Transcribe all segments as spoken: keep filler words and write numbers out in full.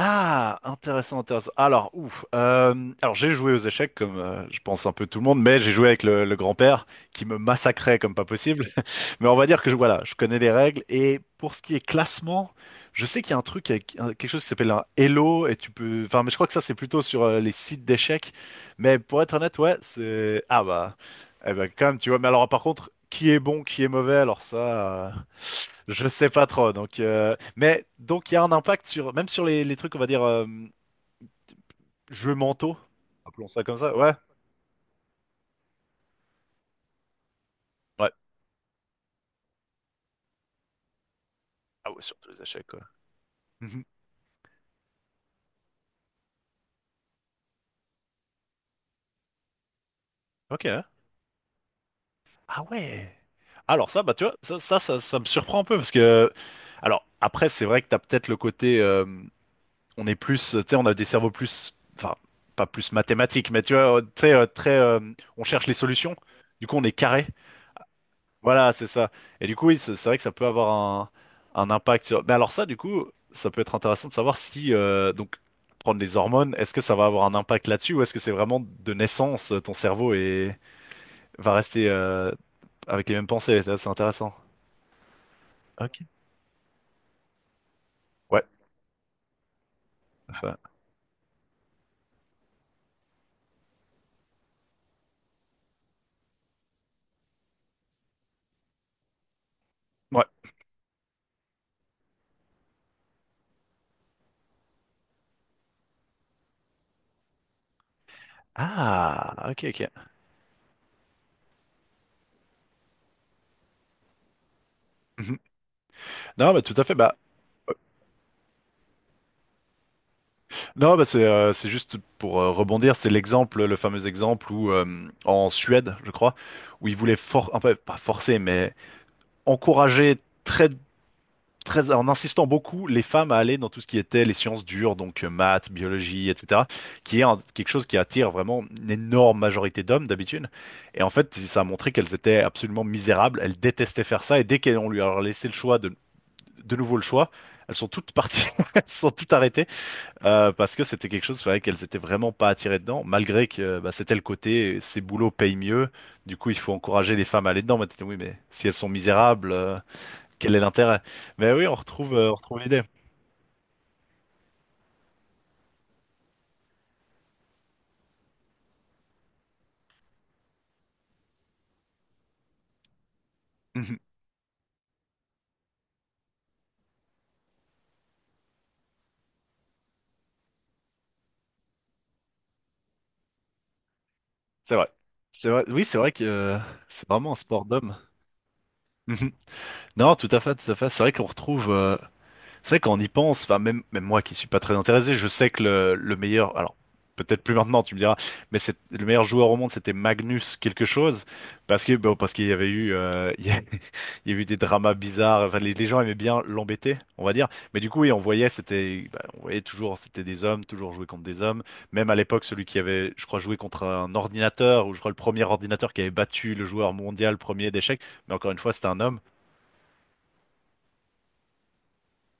Ah, intéressant, intéressant. Alors, ouf. euh, alors, j'ai joué aux échecs comme euh, je pense un peu tout le monde, mais j'ai joué avec le, le grand-père qui me massacrait comme pas possible. Mais on va dire que je, voilà, je connais les règles. Et pour ce qui est classement, je sais qu'il y a un truc avec un- quelque chose qui s'appelle un Elo et tu peux. Enfin, mais je crois que ça c'est plutôt sur euh, les sites d'échecs. Mais pour être honnête, ouais, c'est ah bah, eh ben quand même, tu vois. Mais alors, par contre, qui est bon, qui est mauvais, alors ça. euh, Je sais pas trop. Donc, euh, mais donc il y a un impact sur même sur les, les trucs, on va dire euh, jeux mentaux, appelons ça comme ça. Ouais, ouais. Ah ouais, sur tous les échecs quoi. Mhm. Ok, hein. Ah ouais. Alors ça, bah tu vois, ça, ça, ça, ça me surprend un peu parce que alors après c'est vrai que t'as peut-être le côté, euh, on est plus, tu sais, on a des cerveaux plus, enfin pas plus mathématiques, mais tu vois, euh, tu sais, euh, très, euh, on cherche les solutions. Du coup, on est carré. Voilà, c'est ça. Et du coup, oui, c'est c'est vrai que ça peut avoir un, un impact sur. Mais alors ça, du coup, ça peut être intéressant de savoir si euh, donc prendre les hormones, est-ce que ça va avoir un impact là-dessus ou est-ce que c'est vraiment de naissance ton cerveau et va rester euh, avec les mêmes pensées. Ça, c'est intéressant. Ok. Ouais. Enfin, ouais. Ah, ok, ok. Mhm. Non, mais tout à fait. Bah, non, bah c'est euh, c'est juste pour euh, rebondir, c'est l'exemple, le fameux exemple où euh, en Suède, je crois, où ils voulaient for un peu pas forcer, mais encourager très très, en insistant beaucoup les femmes à aller dans tout ce qui était les sciences dures, donc euh, maths, biologie, et cetera, qui est un- quelque chose qui attire vraiment une énorme majorité d'hommes d'habitude. Et en fait, ça a montré qu'elles étaient absolument misérables, elles détestaient faire ça, et dès qu'on lui a laissé le choix de, de nouveau le choix, elles sont toutes parties, elles sont toutes arrêtées, euh, parce que c'était quelque chose, c'est vrai qu'elles étaient vraiment pas attirées dedans, malgré que bah, c'était le côté, ces boulots payent mieux, du coup il faut encourager les femmes à aller dedans. Mais t'es- dit, oui, mais si elles sont misérables... euh, quel est l'intérêt? Mais oui, on retrouve, euh, on retrouve l'idée. Mhm. C'est vrai. C'est vrai. Oui, c'est vrai que euh, c'est vraiment un sport d'homme. Mhm. Non, tout à fait, tout à fait. C'est vrai qu'on retrouve. euh, C'est vrai qu'on y pense, enfin même, même moi qui suis pas très intéressé, je sais que le, le meilleur, alors peut-être plus maintenant tu me diras, mais c'est le meilleur joueur au monde c'était Magnus quelque chose parce que bon, parce qu'il y avait eu euh, il y a, il y a eu des dramas bizarres, enfin les, les gens aimaient bien l'embêter, on va dire, mais du coup oui on voyait c'était bah, on voyait toujours c'était des hommes, toujours jouer contre des hommes, même à l'époque celui qui avait je crois joué contre un ordinateur ou je crois le premier ordinateur qui avait battu le joueur mondial premier d'échecs, mais encore une fois c'était un homme.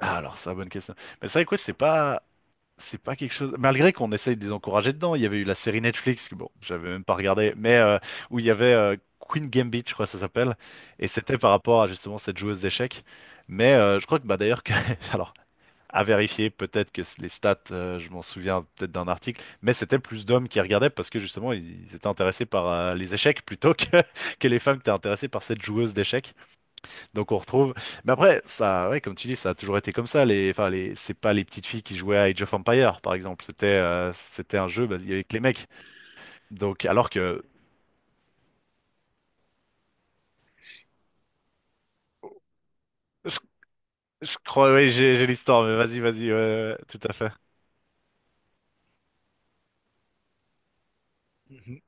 Ah, alors ça bonne question. Mais c'est vrai que ouais, c'est pas c'est pas quelque chose. Malgré qu'on essaye de les encourager dedans, il y avait eu la série Netflix, que bon, j'avais même pas regardé, mais euh, où il y avait euh, Queen Gambit, je crois que ça s'appelle, et c'était par rapport à justement cette joueuse d'échecs. Mais euh, je crois que bah d'ailleurs que, alors à vérifier, peut-être que les stats, euh, je m'en souviens peut-être d'un article, mais c'était plus d'hommes qui regardaient parce que justement ils étaient intéressés par euh, les échecs plutôt que que les femmes étaient intéressées par cette joueuse d'échecs. Donc on retrouve. Mais après, ça, ouais, comme tu dis, ça a toujours été comme ça. Les, enfin, les, c'est pas les petites filles qui jouaient à Age of Empires, par exemple. C'était, euh, c'était un jeu, bah, il y avait que les mecs. Donc, alors que, je, je crois, oui, j'ai, j'ai l'histoire, mais vas-y, vas-y, ouais, ouais, ouais, tout à fait. Mhm.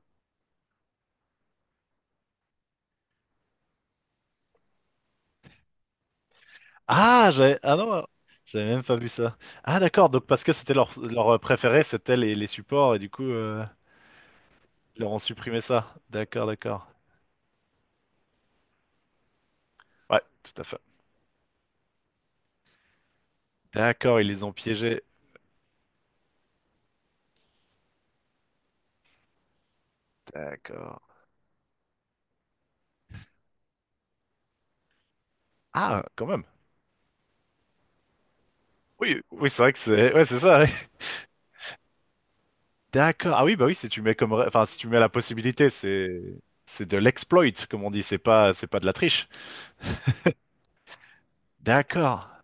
Ah, j'avais, ah non, j'avais même pas vu ça. Ah d'accord, donc parce que c'était leur, leur euh, préféré, c'était les, les supports et du coup, euh, ils leur ont supprimé ça. D'accord, d'accord. Ouais, tout à fait. D'accord, ils les ont piégés. D'accord. Ah, quand même. Oui, oui, c'est vrai que c'est, ouais, c'est ça. D'accord. Ah oui, bah oui, si tu mets comme, ré- enfin, si tu mets la possibilité, c'est, c'est de l'exploit, comme on dit. C'est pas, c'est pas de la triche. D'accord.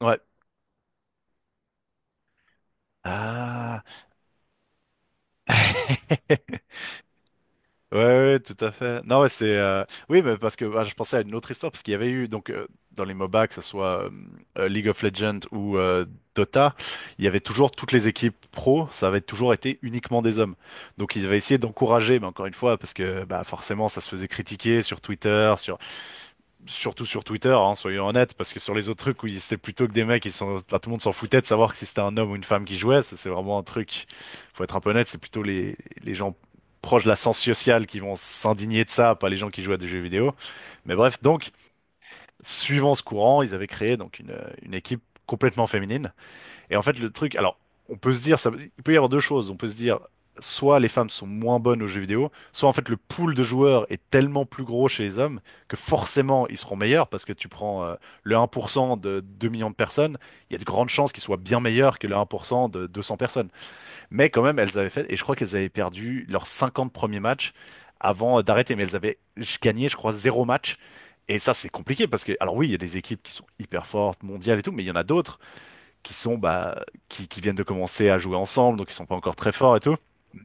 Ouais. Ah. Ouais, ouais, ouais, tout à fait. Non, ouais, c'est, euh, oui, mais parce que bah, je pensais à une autre histoire parce qu'il y avait eu donc euh, dans les M O B A, que ce soit euh, euh, League of Legends ou euh, Dota, il y avait toujours toutes les équipes pro, ça avait toujours été uniquement des hommes. Donc ils avaient essayé d'encourager, mais encore une fois, parce que bah forcément, ça se faisait critiquer sur Twitter, sur surtout sur Twitter, hein, soyons honnêtes, parce que sur les autres trucs où il- c'était plutôt que des mecs, ils sont, enfin, tout le monde s'en foutait de savoir que si c'était un homme ou une femme qui jouait. Ça, c'est vraiment un truc. Faut être un peu honnête, c'est plutôt les les gens proches de la science sociale qui vont s'indigner de ça, pas les gens qui jouent à des jeux vidéo. Mais bref, donc suivant ce courant, ils avaient créé donc une une équipe complètement féminine. Et en fait, le truc, alors, on peut se dire, ça, il peut y avoir deux choses. On peut se dire, soit les femmes sont moins bonnes aux jeux vidéo, soit en fait le pool de joueurs est tellement plus gros chez les hommes que forcément ils seront meilleurs parce que tu prends euh, le un pour cent de deux millions de personnes, il y a de grandes chances qu'ils soient bien meilleurs que le un pour cent de deux cents personnes. Mais quand même, elles avaient fait, et je crois qu'elles avaient perdu leurs cinquante premiers matchs avant euh, d'arrêter, mais elles avaient gagné, je crois, zéro match. Et ça, c'est compliqué parce que, alors oui, il y a des équipes qui sont hyper fortes, mondiales et tout, mais il y en a d'autres qui sont bah qui, qui viennent de commencer à jouer ensemble, donc ils sont pas encore très forts et tout.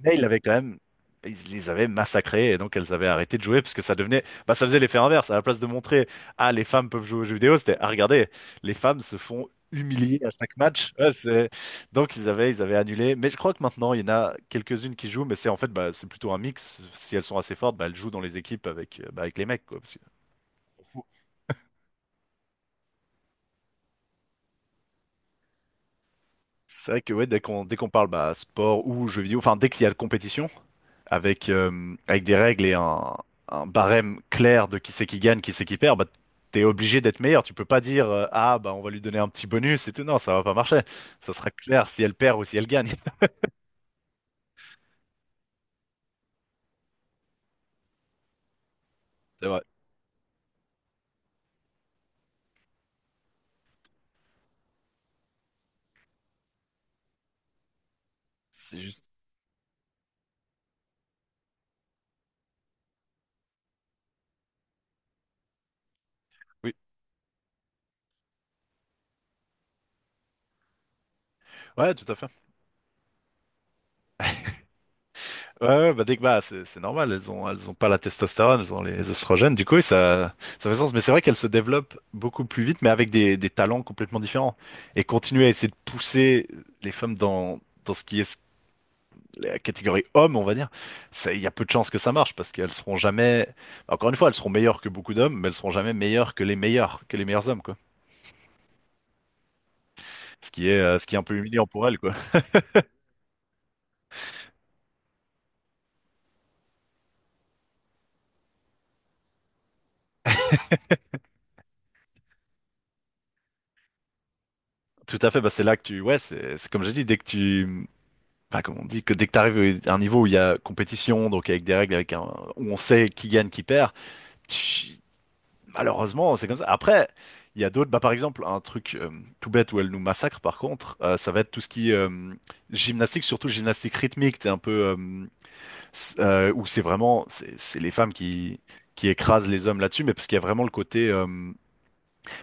Mais ils avaient quand même ils les avaient massacrés et donc elles avaient arrêté de jouer parce que ça devenait bah ça faisait l'effet inverse. À la place de montrer ah les femmes peuvent jouer aux jeux vidéo, c'était ah regardez les femmes se font humilier à chaque match. Ouais, c'est- donc ils avaient ils avaient annulé. Mais je crois que maintenant il y en a quelques-unes qui jouent, mais c'est en fait bah c'est plutôt un mix. Si elles sont assez fortes, bah elles jouent dans les équipes avec euh, bah, avec les mecs quoi. Parce que- C'est vrai que ouais, dès qu'on dès qu'on parle bah, sport ou jeux vidéo, enfin dès qu'il y a la compétition, avec, euh, avec des règles et un, un barème clair de qui c'est qui gagne, qui c'est qui perd, bah, t'es obligé d'être meilleur. Tu peux pas dire euh, ah bah on va lui donner un petit bonus et tout. Non, ça va pas marcher. Ça sera clair si elle perd ou si elle gagne. C'est vrai, c'est juste. Oui, ouais, tout à fait. Ouais, ouais, bah dès que bah c'est c'est normal, elles ont elles ont pas la testostérone, elles ont les oestrogènes. Du coup, oui, ça ça fait sens, mais c'est vrai qu'elles se développent beaucoup plus vite, mais avec des des talents complètement différents. Et continuer à essayer de pousser les femmes dans dans ce qui est la catégorie homme, on va dire, ça- il y a peu de chances que ça marche parce qu'elles seront jamais. Encore une fois, elles seront meilleures que beaucoup d'hommes, mais elles seront jamais meilleures que les meilleurs que les meilleurs hommes, quoi. Ce qui est euh, ce qui est un peu humiliant pour elles, quoi. Tout à fait, bah c'est là que tu ouais c'est c'est comme j'ai dit, dès que tu. Enfin, comme on dit que dès que tu arrives à un niveau où il y a compétition, donc avec des règles, avec un, où on sait qui gagne, qui perd, tch, malheureusement, c'est comme ça. Après, il y a d'autres, bah, par exemple, un truc euh, tout bête où elle nous massacre, par contre, euh, ça va être tout ce qui est euh, gymnastique, surtout gymnastique rythmique, t'es un peu, euh, c- euh, où c'est vraiment, c'est c'est les femmes qui, qui écrasent les hommes là-dessus, mais parce qu'il y a vraiment le côté, euh,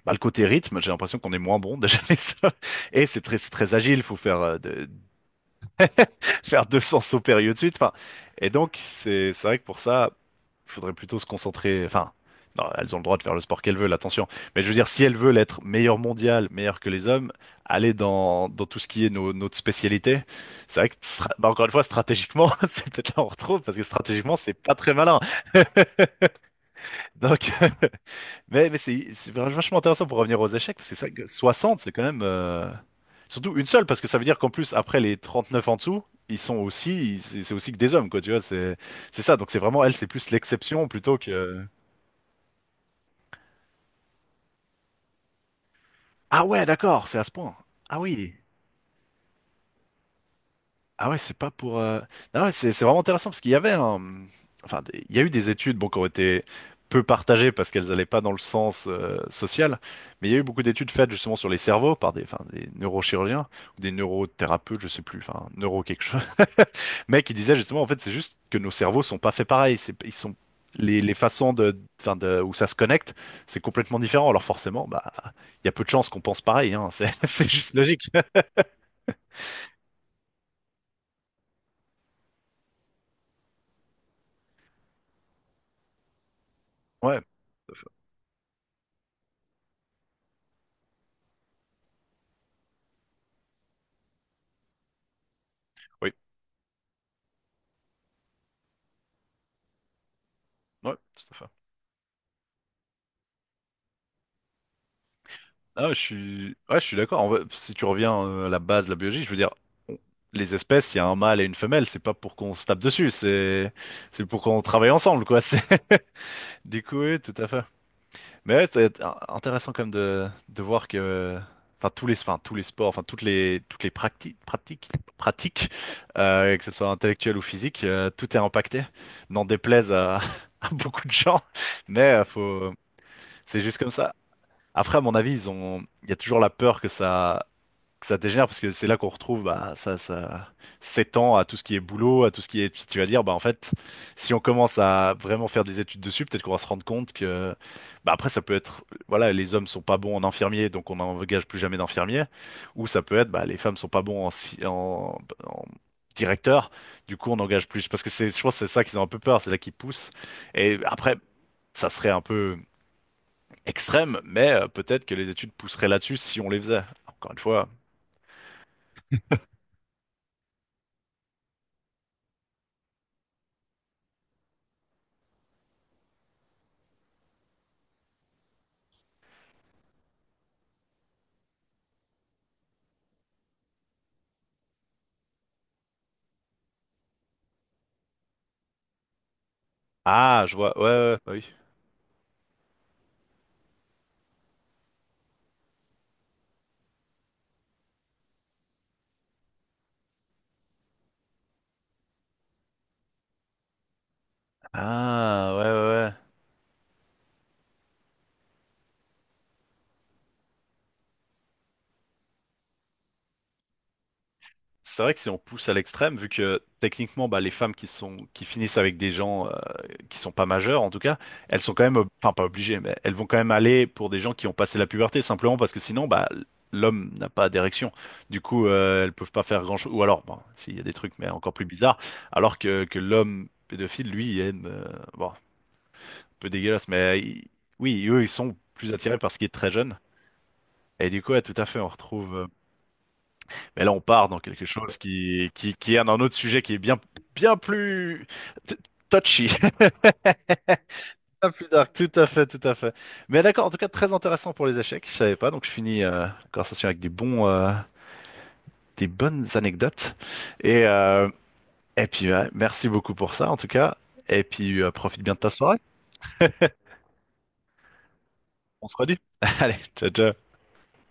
bah, le côté rythme, j'ai l'impression qu'on est moins bon déjà les hommes. Et c'est très, c'est très agile, faut faire euh, de- faire deux cents sauts périlleux de suite. Enfin, et donc, c'est c'est vrai que pour ça, il faudrait plutôt se concentrer. Enfin, non, elles ont le droit de faire le sport qu'elles veulent, attention. Mais je veux dire, si elles veulent être meilleures mondiales, meilleures que les hommes, aller dans, dans tout ce qui est nos, notre spécialité, c'est vrai que, stra- bah, encore une fois, stratégiquement, c'est peut-être là où on retrouve, parce que stratégiquement, c'est pas très malin. Donc, mais, mais c'est c'est vachement intéressant pour revenir aux échecs, parce que c'est vrai que soixante, c'est quand même. euh, Surtout une seule, parce que ça veut dire qu'en plus, après les trente-neuf en dessous, ils sont aussi, c'est c'est aussi que des hommes, quoi, tu vois, c'est c'est ça. Donc c'est vraiment, elle, c'est plus l'exception plutôt que... Ah ouais, d'accord, c'est à ce point. Ah oui. Ah ouais, c'est pas pour. euh, Ah ouais, c'est c'est vraiment intéressant parce qu'il y avait un. Enfin, des- il y a eu des études bon, qui ont été peu partagées parce qu'elles n'allaient pas dans le sens euh, social, mais il y a eu beaucoup d'études faites justement sur les cerveaux par des, enfin, des neurochirurgiens ou des neurothérapeutes, je sais plus, enfin, neuro quelque chose, mais qui disaient justement en fait c'est juste que nos cerveaux sont pas faits pareil, c'est, ils sont les, les façons de, enfin, de, où ça se connecte, c'est complètement différent. Alors forcément, bah, il y a peu de chances qu'on pense pareil, hein, c'est c'est juste logique. Ouais, tout à fait. Oui, ouais, tout à fait. Ah, je suis, ouais, je suis d'accord. En vrai, si tu reviens euh, à la base de la biologie, je veux dire, les espèces, il y a un mâle et une femelle, c'est pas pour qu'on se tape dessus, c'est, c'est pour qu'on travaille ensemble, quoi. C'est, du coup, oui, tout à fait. Mais ouais, c'est in- intéressant quand même de, de voir que, enfin, tous les, enfin, tous les sports, enfin, toutes les, toutes les pratiques, pratiques, pratiques, euh, que ce soit intellectuel ou physique, euh, tout est impacté. N'en déplaise à, à beaucoup de gens, mais euh, faut, c'est juste comme ça. Après, à mon avis, ils ont, il y a toujours la peur que ça que ça dégénère parce que c'est là qu'on retrouve bah, ça, ça s'étend à tout ce qui est boulot, à tout ce qui est. Si tu vas dire, bah en fait, si on commence à vraiment faire des études dessus, peut-être qu'on va se rendre compte que, bah après, ça peut être, voilà, les hommes sont pas bons en infirmier, donc on n'engage plus jamais d'infirmiers, ou ça peut être, bah les femmes sont pas bons en, si- en, en directeur, du coup on n'engage plus. Parce que c'est, je pense, que c'est ça qu'ils ont un peu peur, c'est là qu'ils poussent. Et après, ça serait un peu extrême, mais euh, peut-être que les études pousseraient là-dessus si on les faisait. Encore une fois. Ah, je vois. Ouais, ouais, ouais, bah oui. Ah, ouais, ouais, ouais. C'est vrai que si on pousse à l'extrême, vu que techniquement, bah, les femmes qui sont qui finissent avec des gens euh, qui sont pas majeurs, en tout cas, elles sont quand même, ob- enfin pas obligées, mais elles vont quand même aller pour des gens qui ont passé la puberté, simplement parce que sinon, bah, l'homme n'a pas d'érection. Du coup, euh, elles peuvent pas faire grand-chose. Ou alors, bon, s'il y a des trucs, mais encore plus bizarres, alors que que l'homme pédophile, lui, il aime, euh, bon, un peu dégueulasse, mais il- oui, eux, ils sont plus attirés par ce qui est très jeune. Et du coup, ouais, tout à fait, on retrouve. euh, Mais là, on part dans quelque chose qui, qui, qui est un, autre sujet qui est bien, bien plus t- touchy, bien plus dark. Tout à fait, tout à fait. Mais d'accord, en tout cas, très intéressant pour les échecs. Je savais pas, donc je finis euh, la conversation avec des bons, euh, des bonnes anecdotes. Et, euh, et puis, ouais, merci beaucoup pour ça, en tout cas. Et puis, euh, profite bien de ta soirée. On se redit. Allez, ciao, ciao.